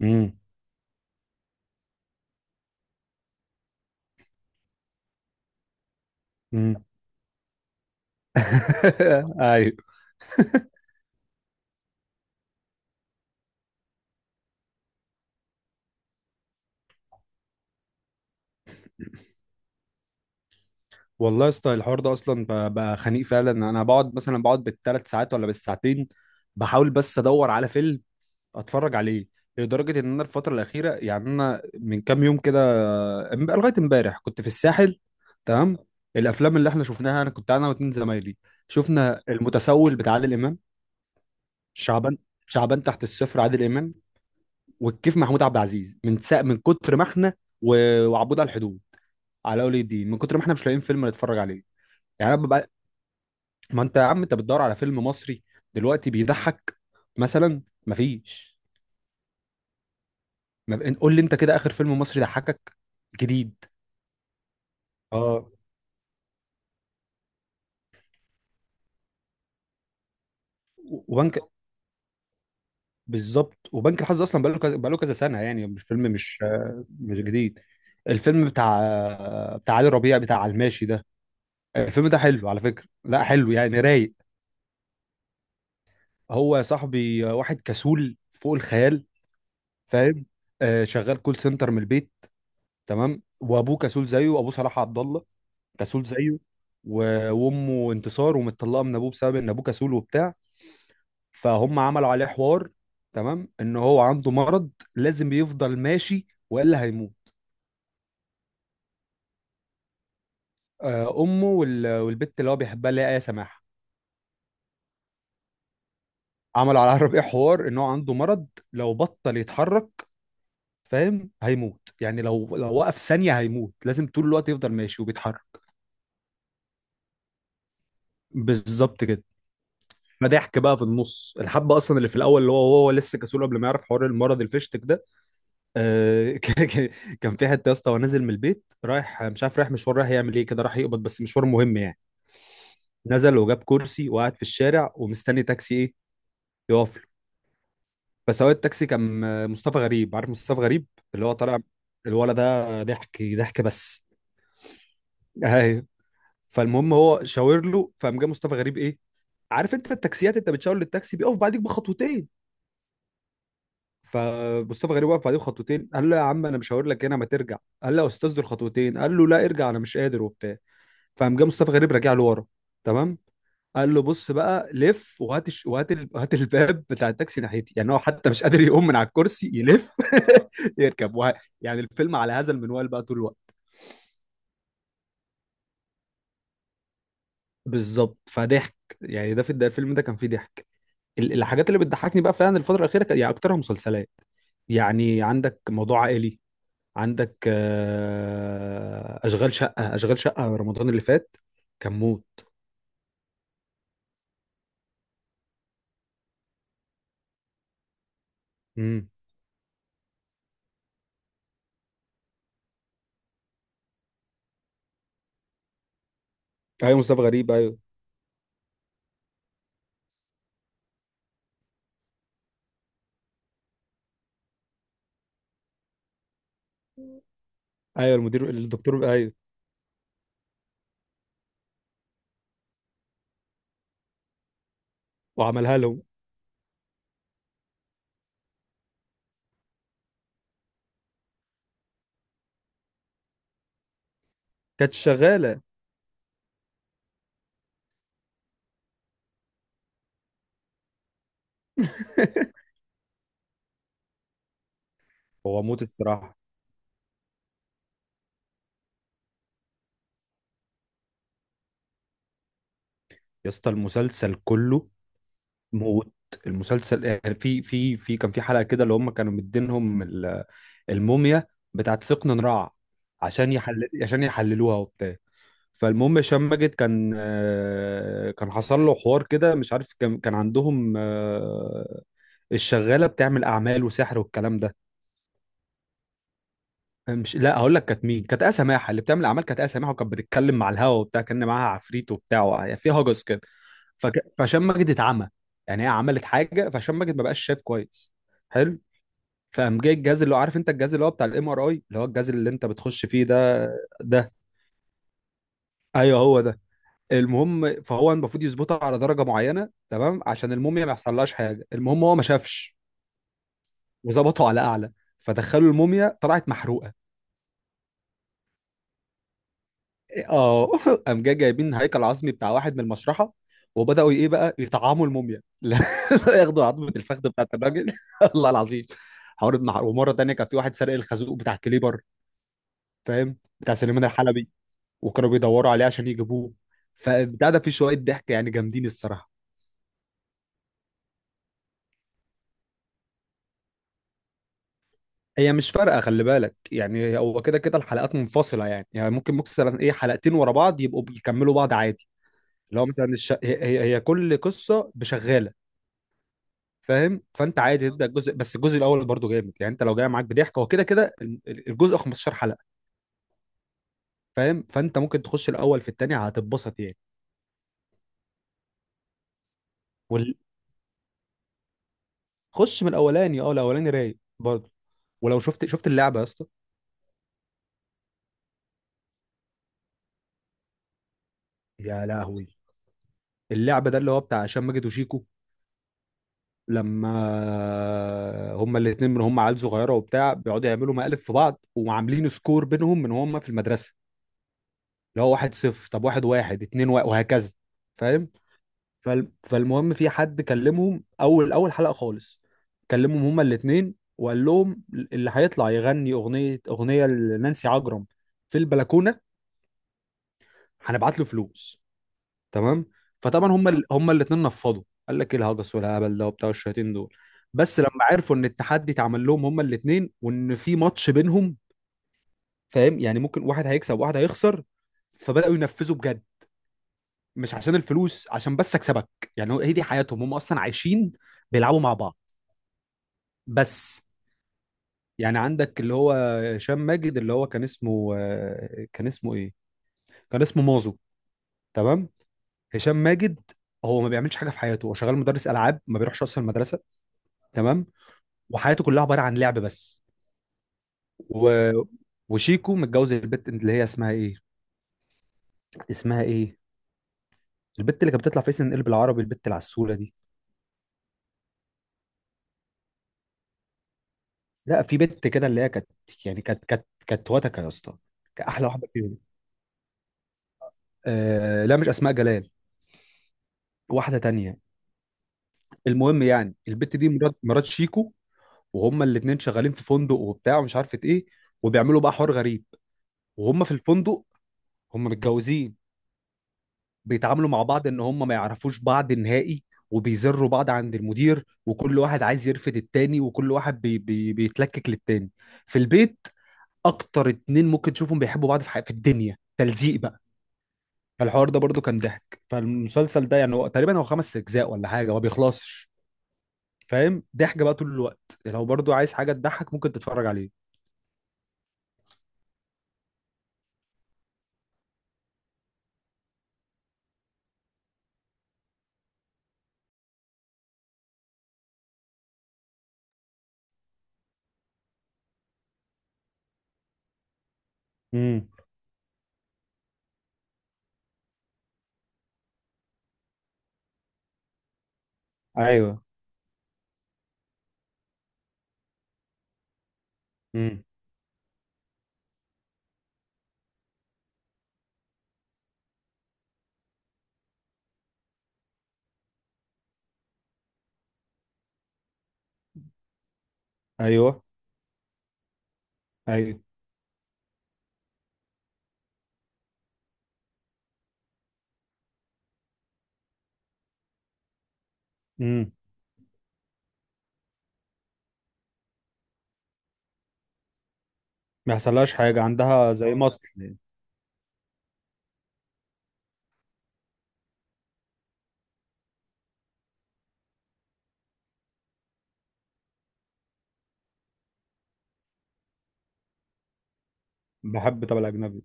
امم. امم. ايوه. والله يا اسطى، الحوار ده اصلا بقى خنيق فعلا. انا بقعد مثلا بقعد بالثلاث ساعات ولا بالساعتين، بحاول بس ادور على فيلم اتفرج عليه. لدرجه ان انا الفتره الاخيره يعني، انا من كام يوم كده لغايه امبارح كنت في الساحل. تمام. الافلام اللي احنا شفناها، انا كنت انا واتنين زمايلي، شفنا المتسول بتاع عادل امام، شعبان شعبان تحت الصفر عادل امام، والكيف محمود عبد العزيز، من كتر ما احنا وعبود على الحدود، على ولي الدين، من كتر ما احنا مش لاقيين فيلم نتفرج عليه. يعني انا ببقى، ما انت يا عم، انت بتدور على فيلم مصري دلوقتي بيضحك مثلا؟ مفيش. ما ب... قول لي انت كده، اخر فيلم مصري ضحكك جديد؟ اه. وبنك، بالظبط، وبنك الحظ اصلا بقاله كذا بقاله كذا سنه، يعني مش فيلم، مش مش جديد. الفيلم بتاع بتاع علي ربيع، بتاع على الماشي ده، الفيلم ده حلو على فكره، لا حلو يعني، رايق. هو يا صاحبي واحد كسول فوق الخيال. فاهم؟ شغال كول سنتر من البيت. تمام، وابوه كسول زيه، وابوه صلاح عبد الله كسول زيه. وامه انتصار، ومتطلقه من ابوه بسبب ان ابوه كسول وبتاع. فهم عملوا عليه حوار، تمام، ان هو عنده مرض لازم يفضل ماشي والا هيموت. امه والبت اللي هو بيحبها اللي هي ايه، سماح. عملوا على الربيع حوار ان هو عنده مرض، لو بطل يتحرك، فاهم، هيموت. يعني لو وقف ثانيه هيموت، لازم طول الوقت يفضل ماشي وبيتحرك. بالظبط كده. فضحك بقى في النص الحبه اصلا، اللي في الاول، اللي هو لسه كسول قبل ما يعرف حوار المرض الفشتك ده. آه. كان في حته يا اسطى، ونازل من البيت رايح، مش عارف رايح مشوار، رايح يعمل ايه، كده راح يقبض بس، مشوار مهم يعني. نزل وجاب كرسي وقعد في الشارع ومستني تاكسي، ايه، يقف له. فسواق التاكسي كان مصطفى غريب، عارف مصطفى غريب؟ اللي هو طالع، الولد ده ضحك ضحك بس. ايوه. فالمهم هو شاور له، فقام جه مصطفى غريب، ايه، عارف انت التاكسيات، انت بتشاور للتاكسي بيقف بعديك بخطوتين. فمصطفى غريب وقف عليه بخطوتين، قال له يا عم انا مش هقول لك هنا، ما ترجع. قال له يا استاذ دول خطوتين، قال له لا ارجع، انا مش قادر وبتاع. فقام جه مصطفى غريب راجع له ورا، تمام. قال له بص بقى لف وهات وهات وهات الباب بتاع التاكسي ناحيتي، يعني هو حتى مش قادر يقوم من على الكرسي يلف، يركب يعني الفيلم على هذا المنوال بقى طول الوقت. بالظبط، فضحك. يعني ده في ده الفيلم ده كان فيه ضحك. الحاجات اللي بتضحكني بقى فعلا الفترة الأخيرة، يعني أكترها مسلسلات. يعني عندك موضوع عائلي، عندك اشغال شقه، اشغال شقه رمضان اللي فات، كان موت. امم. ايوه، مصطفى غريب، ايوه. ايوه، المدير الدكتور، ايوه. وعملها لهم. كانت شغاله. هو موت الصراحه. يا اسطى المسلسل كله موت. المسلسل يعني في في في كان في حلقه كده، اللي هم كانوا مدينهم الموميا بتاعت سقن نراع، عشان يحللوها وبتاع. فالمهم هشام ماجد كان كان حصل له حوار كده، مش عارف، كان عندهم الشغاله بتعمل اعمال وسحر والكلام ده. مش، لا، هقول لك كانت مين، كانت آية سماحه اللي بتعمل اعمال، كانت آية سماحه، وكانت بتتكلم مع الهوا وبتاع، كان معاها عفريت وبتاع في هجس كده. فك... فهشام ماجد اتعمى. يعني هي عملت حاجه، فهشام ماجد ما بقاش شايف كويس. حلو. فقام جاي الجهاز، اللي هو عارف انت الجهاز اللي هو بتاع MRI، اللي هو الجهاز اللي انت بتخش فيه ده. ده، ايوه هو ده. المهم فهو المفروض يظبطها على درجه معينه، تمام، عشان الموميا ما يحصلهاش حاجه. المهم هو ما شافش وظبطه على اعلى. فدخلوا الموميا طلعت محروقه. إيه، اه قام جاي جايبين هيكل عظمي بتاع واحد من المشرحه، وبداوا ايه بقى يطعموا الموميا، لا ياخدوا عظمه الفخذ بتاعت الراجل. الله العظيم. حوار ومره تانيه كان في واحد سرق الخازوق بتاع الكليبر، فاهم؟ بتاع سليمان الحلبي، وكانوا بيدوروا عليه عشان يجيبوه. فبتاع ده فيه شويه ضحك يعني، جامدين الصراحه. هي مش فارقه، خلي بالك، يعني هو كده كده الحلقات منفصله، يعني ممكن مثلا، ايه، حلقتين ورا بعض يبقوا بيكملوا بعض عادي. اللي هو مثلا هي كل قصه بشغاله. فاهم؟ فانت عادي تبدا الجزء، بس الجزء الاول برضو جامد، يعني انت لو جاي معاك بضحك، هو كده كده الجزء 15 حلقه. فاهم؟ فانت ممكن تخش الاول في التاني هتتبسط يعني. وال... خش من الاولاني، اه الاولاني رايق برضو. ولو شفت اللعبه يا اسطى. يا لهوي. اللعبه ده اللي هو بتاع هشام ماجد وشيكو، لما هما الاتنين، من هما عيال صغيره وبتاع بيقعدوا يعملوا مقالب في بعض وعاملين سكور بينهم من هما في المدرسه. اللي هو 1-0، طب 1-1، 2-1، وهكذا. فاهم؟ فالمهم، في حد كلمهم اول اول حلقه خالص، كلمهم هما الاتنين، وقال لهم اللي هيطلع يغني اغنيه لنانسي عجرم في البلكونه، هنبعت له فلوس، تمام. فطبعا هم الاثنين نفضوا، قال لك ايه الهجس والهبل ده وبتاع الشياطين دول. بس لما عرفوا ان التحدي اتعمل لهم هم الاثنين، وان في ماتش بينهم، فاهم؟ يعني ممكن واحد هيكسب وواحد هيخسر. فبداوا ينفذوا بجد، مش عشان الفلوس، عشان بس اكسبك. يعني هي دي حياتهم هم اصلا، عايشين بيلعبوا مع بعض بس. يعني عندك اللي هو هشام ماجد، اللي هو كان اسمه كان اسمه ايه، كان اسمه مازو، تمام، هشام ماجد. هو ما بيعملش حاجه في حياته، هو شغال مدرس العاب، ما بيروحش اصلا المدرسه، تمام. وحياته كلها عباره عن لعب بس. و... وشيكو متجوز البت اللي هي اسمها ايه، اسمها ايه البت اللي كانت بتطلع في سن قلب العربي، البت العسوله دي. لا، في بنت كده اللي هي كانت، يعني كانت وتكه يا اسطى، كانت احلى واحده فيهم. آه لا، مش اسماء جلال، واحده تانية. المهم يعني البت دي مرات شيكو، وهما الاتنين شغالين في فندق وبتاع ومش عارفه ايه، وبيعملوا بقى حوار غريب وهما في الفندق، هما متجوزين، بيتعاملوا مع بعض ان هم ما يعرفوش بعض نهائي. وبيزروا بعض عند المدير، وكل واحد عايز يرفد التاني، وكل واحد بي بي بيتلكك للتاني في البيت. اكتر اتنين ممكن تشوفهم بيحبوا بعض في الدنيا، تلزيق بقى. فالحوار ده برضو كان ضحك. فالمسلسل ده يعني هو تقريبا هو 5 اجزاء ولا حاجه، ما بيخلصش. فاهم؟ ضحك بقى طول الوقت، لو برضو عايز حاجه تضحك ممكن تتفرج عليه. امم. ايوه. امم. ايوه، ايوه. امم. ما يحصلهاش حاجه، عندها زي مصل. بحب. طب الاجنبي.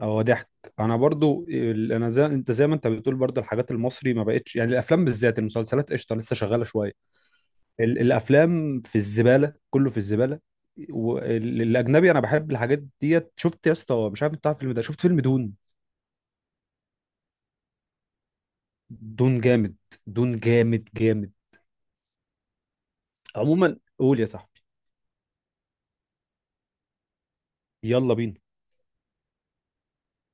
هو ضحك. انا برضو انا زي انت، زي ما انت بتقول، برضو الحاجات المصري ما بقتش، يعني الافلام بالذات، المسلسلات قشطه لسه شغاله شويه. الافلام في الزباله، كله في الزباله. والاجنبي انا بحب الحاجات ديت. شفت يا اسطى، مش عارف انت عارف الفيلم ده، شفت فيلم دون؟ دون جامد، دون جامد جامد. عموما، قول يا صاحبي. يلا بينا.